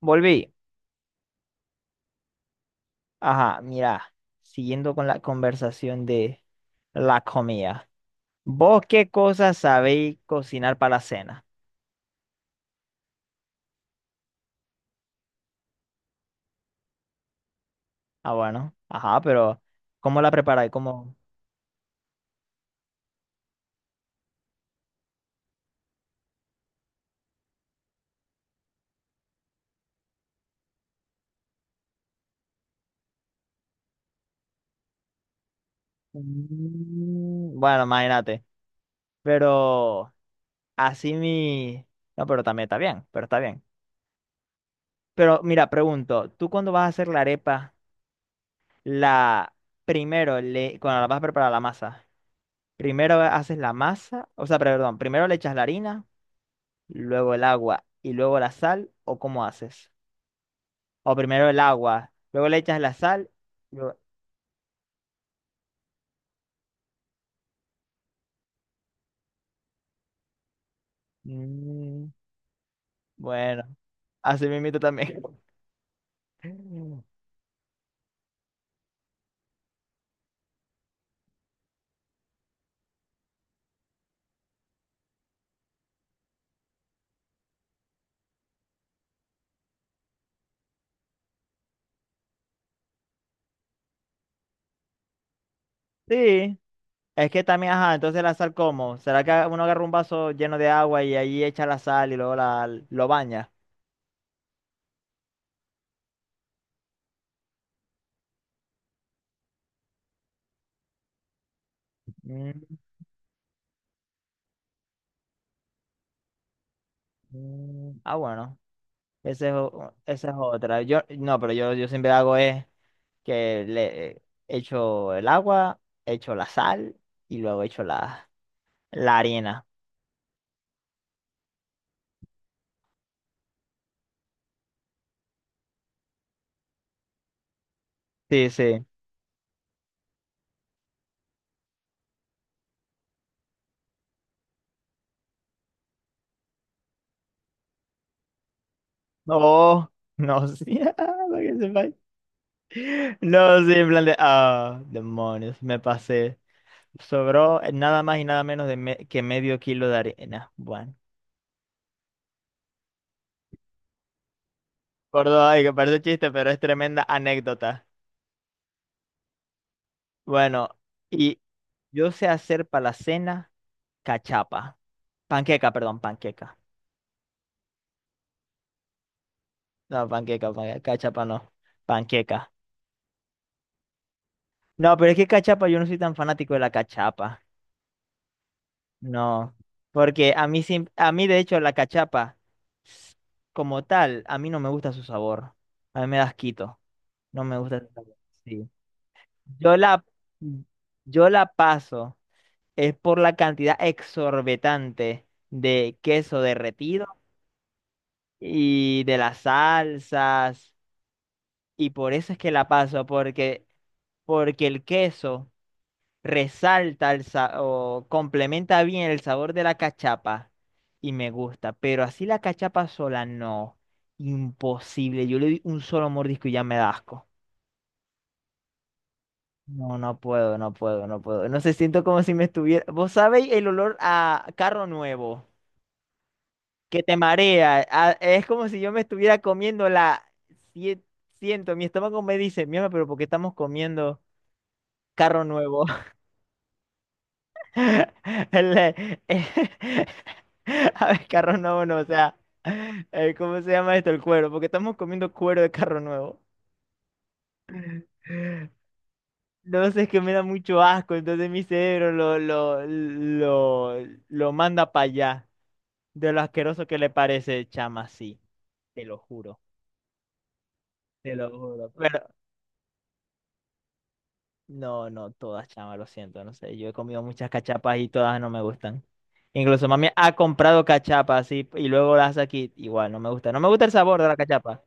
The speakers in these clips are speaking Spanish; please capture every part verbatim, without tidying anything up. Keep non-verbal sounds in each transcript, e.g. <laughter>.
Volví. Ajá, mira, siguiendo con la conversación de la comida. ¿Vos qué cosas sabéis cocinar para la cena? Ah, bueno, ajá, pero ¿cómo la preparáis? ¿Cómo? Mm, Bueno, imagínate. Pero así mi... No, pero también está bien, pero está bien. Pero mira, pregunto, ¿tú cuando vas a hacer la arepa, la... Primero, le... cuando la vas a preparar la masa, primero haces la masa, o sea, perdón, primero le echas la harina, luego el agua y luego la sal, o cómo haces? O primero el agua, luego le echas la sal. Luego... Mm, bueno, así mismito también. <laughs> Sí, es que también, ajá, entonces la sal, ¿cómo? ¿Será que uno agarra un vaso lleno de agua y ahí echa la sal y luego la, lo baña? Mm, mm, Ah, bueno, esa es, o- esa es otra. Yo, no, pero yo, yo siempre hago es que le echo el agua, echo la sal y luego echo la, la harina. Sí, sí. No, no, sí. <laughs> Para que sepáis. No, sí, en plan de... Ah, demonios, me pasé. Sobró eh, nada más y nada menos de me- que medio kilo de arena. Bueno, por dos, ay, que parece chiste, pero es tremenda anécdota. Bueno, y yo sé hacer para la cena cachapa. Panqueca, perdón, panqueca. No, panqueca, panqueca, cachapa no. Panqueca. No, pero es que cachapa, yo no soy tan fanático de la cachapa. No, porque a mí, sim- a mí de hecho la cachapa s- como tal, a mí no me gusta su sabor. A mí me da asquito. No me gusta su sabor. Sí. Yo la, mm, yo la paso es por la cantidad exorbitante de queso derretido y de las salsas. Y por eso es que la paso, porque, porque el queso... resalta el sa- o complementa bien el sabor de la cachapa y me gusta, pero así la cachapa sola no, imposible. Yo le doy un solo mordisco y ya me da asco. No, no puedo, no puedo, no puedo. No sé, siento como si me estuviera... Vos sabéis el olor a carro nuevo que te marea. A- es como si yo me estuviera comiendo la... Sie- siento, mi estómago me dice, mierda, pero ¿por qué estamos comiendo carro nuevo? <laughs> El, eh, eh, <laughs> a ver, carro nuevo, no, o sea, eh, ¿cómo se llama esto? El cuero, porque estamos comiendo cuero de carro nuevo. No sé, es que me da mucho asco, entonces mi cerebro lo, lo, lo, lo manda para allá, de lo asqueroso que le parece, chama, sí, te lo juro, te lo juro. Pero no, no, todas, chama, lo siento, no sé. Yo he comido muchas cachapas y todas no me gustan. Incluso mami ha comprado cachapas y, y luego las hace aquí. Igual, no me gusta. No me gusta el sabor de la cachapa.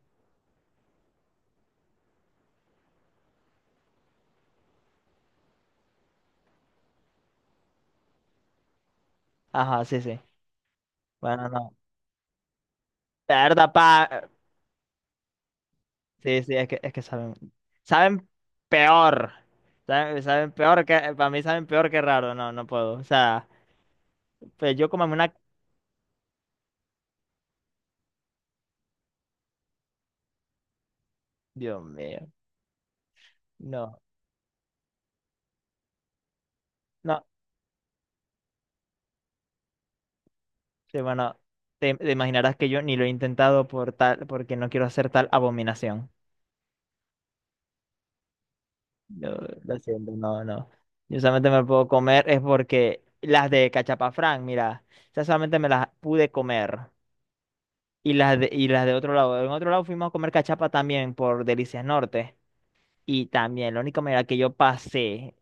Ajá, sí, sí. Bueno, no. Verdad, pa. Sí, sí, es que, es que saben... Saben peor. Saben, saben peor que... Para mí saben peor que raro. No, no puedo. O sea, pues yo como una. Dios mío. No, no. Sí, bueno, te, te imaginarás que yo ni lo he intentado por tal, porque no quiero hacer tal abominación. No, lo siento, no, no. Yo solamente me puedo comer es porque las de Cachapafrán, mira, esas solamente me las pude comer. Y las de, y las de otro lado. En otro lado fuimos a comer cachapa también por Delicias Norte. Y también, la única manera que yo pasé,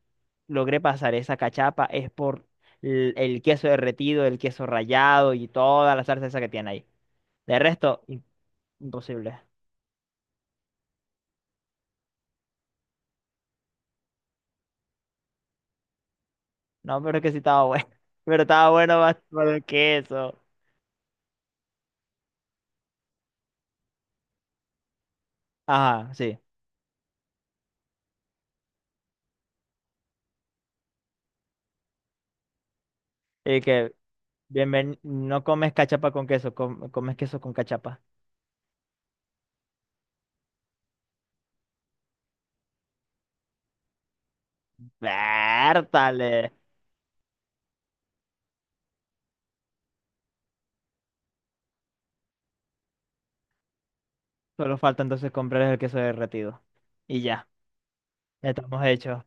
logré pasar esa cachapa es por l- el, queso derretido, el queso rallado y toda la salsa esa que tiene ahí. De resto, im- imposible. No, pero es que sí estaba bueno. <laughs> Pero estaba bueno más por el queso. Ajá, sí. Y que... Bienven- no comes cachapa con queso, com- comes queso con cachapa. ¡Vértale! Solo falta entonces comprar el queso derretido. Y ya, ya estamos hechos.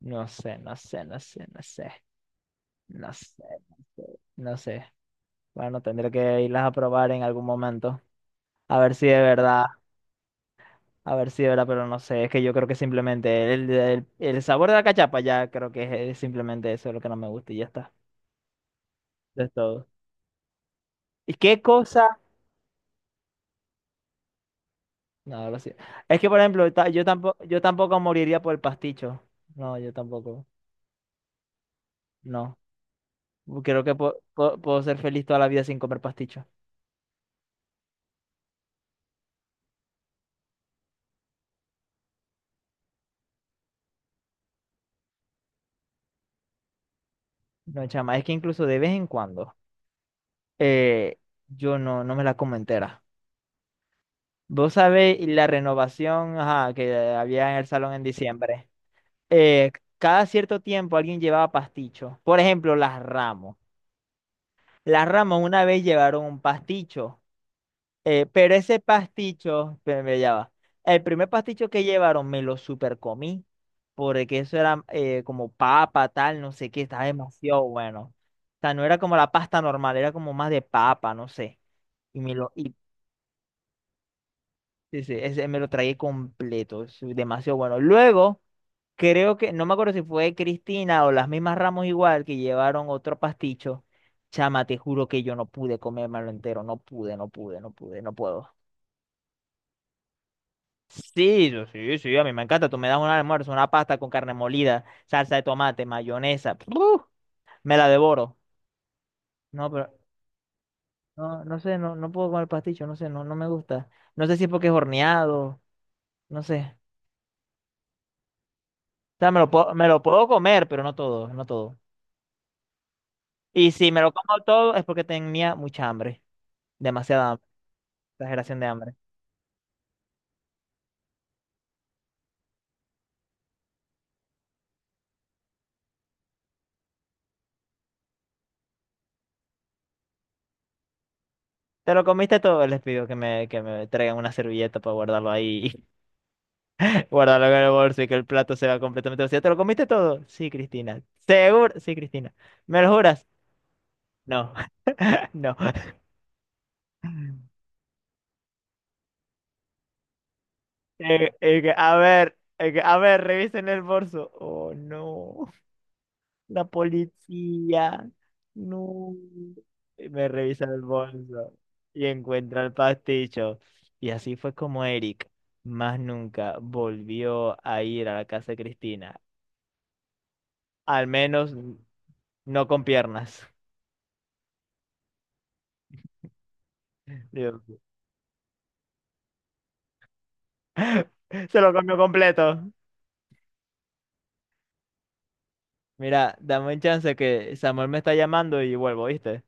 No sé, no sé, no sé, no sé. No sé, no sé. No sé. Bueno, tendré que irlas a probar en algún momento. A ver si de verdad, a ver si de verdad, pero no sé. Es que yo creo que simplemente el, el- el sabor de la cachapa ya creo que es, es simplemente eso lo que no me gusta y ya está. Eso es todo. ¿Y qué cosa? No, lo sé. Es que, por ejemplo, ta- yo tampoco, yo tampoco moriría por el pasticho. No, yo tampoco. No. Creo que po- po- puedo ser feliz toda la vida sin comer pasticho. No, chama. Es que incluso de vez en cuando, eh, yo no, no me la como entera. Vos sabés la renovación, ajá, que había en el salón en diciembre. Eh, cada cierto tiempo alguien llevaba pasticho. Por ejemplo, las Ramos. Las Ramos una vez llevaron un pasticho. Eh, pero ese pasticho, pero me ya va. El primer pasticho que llevaron me lo super comí, porque eso era eh, como papa, tal, no sé qué, estaba demasiado bueno. O sea, no era como la pasta normal, era como más de papa, no sé. Y me lo, y, sí, sí, ese me lo tragué completo, es demasiado bueno. Luego, creo que, no me acuerdo si fue Cristina o las mismas Ramos igual que llevaron otro pasticho. Chama, te juro que yo no pude comérmelo entero, no pude, no pude, no pude, no puedo. Sí, yo- sí, sí, a mí me encanta. Tú me das un almuerzo, una pasta con carne molida, salsa de tomate, mayonesa. ¡Pruf! Me la devoro. No, pero no, no sé, no, no puedo comer pasticho, no sé, no, no me gusta. No sé si es porque es horneado, no sé. O sea, me lo puedo, me lo puedo comer, pero no todo, no todo. Y si me lo como todo es porque tenía mucha hambre, demasiada hambre, exageración de hambre. Te lo comiste todo, les pido que me, que me traigan una servilleta para guardarlo ahí. Guárdalo en el bolso y que el plato se va completamente vacío. ¿Te lo comiste todo? Sí, Cristina. ¿Seguro? Sí, Cristina. ¿Me lo juras? No, <laughs> no. Eh, eh, que, a ver, eh, que, a ver, revisen el bolso. Oh, no. La policía. No. Y me revisa el bolso y encuentra el pasticho. Y así fue como Eric más nunca volvió a ir a la casa de Cristina. Al menos no con piernas. <laughs> Dios. <laughs> Se lo comió completo. Mira, dame un chance que Samuel me está llamando y vuelvo, ¿viste?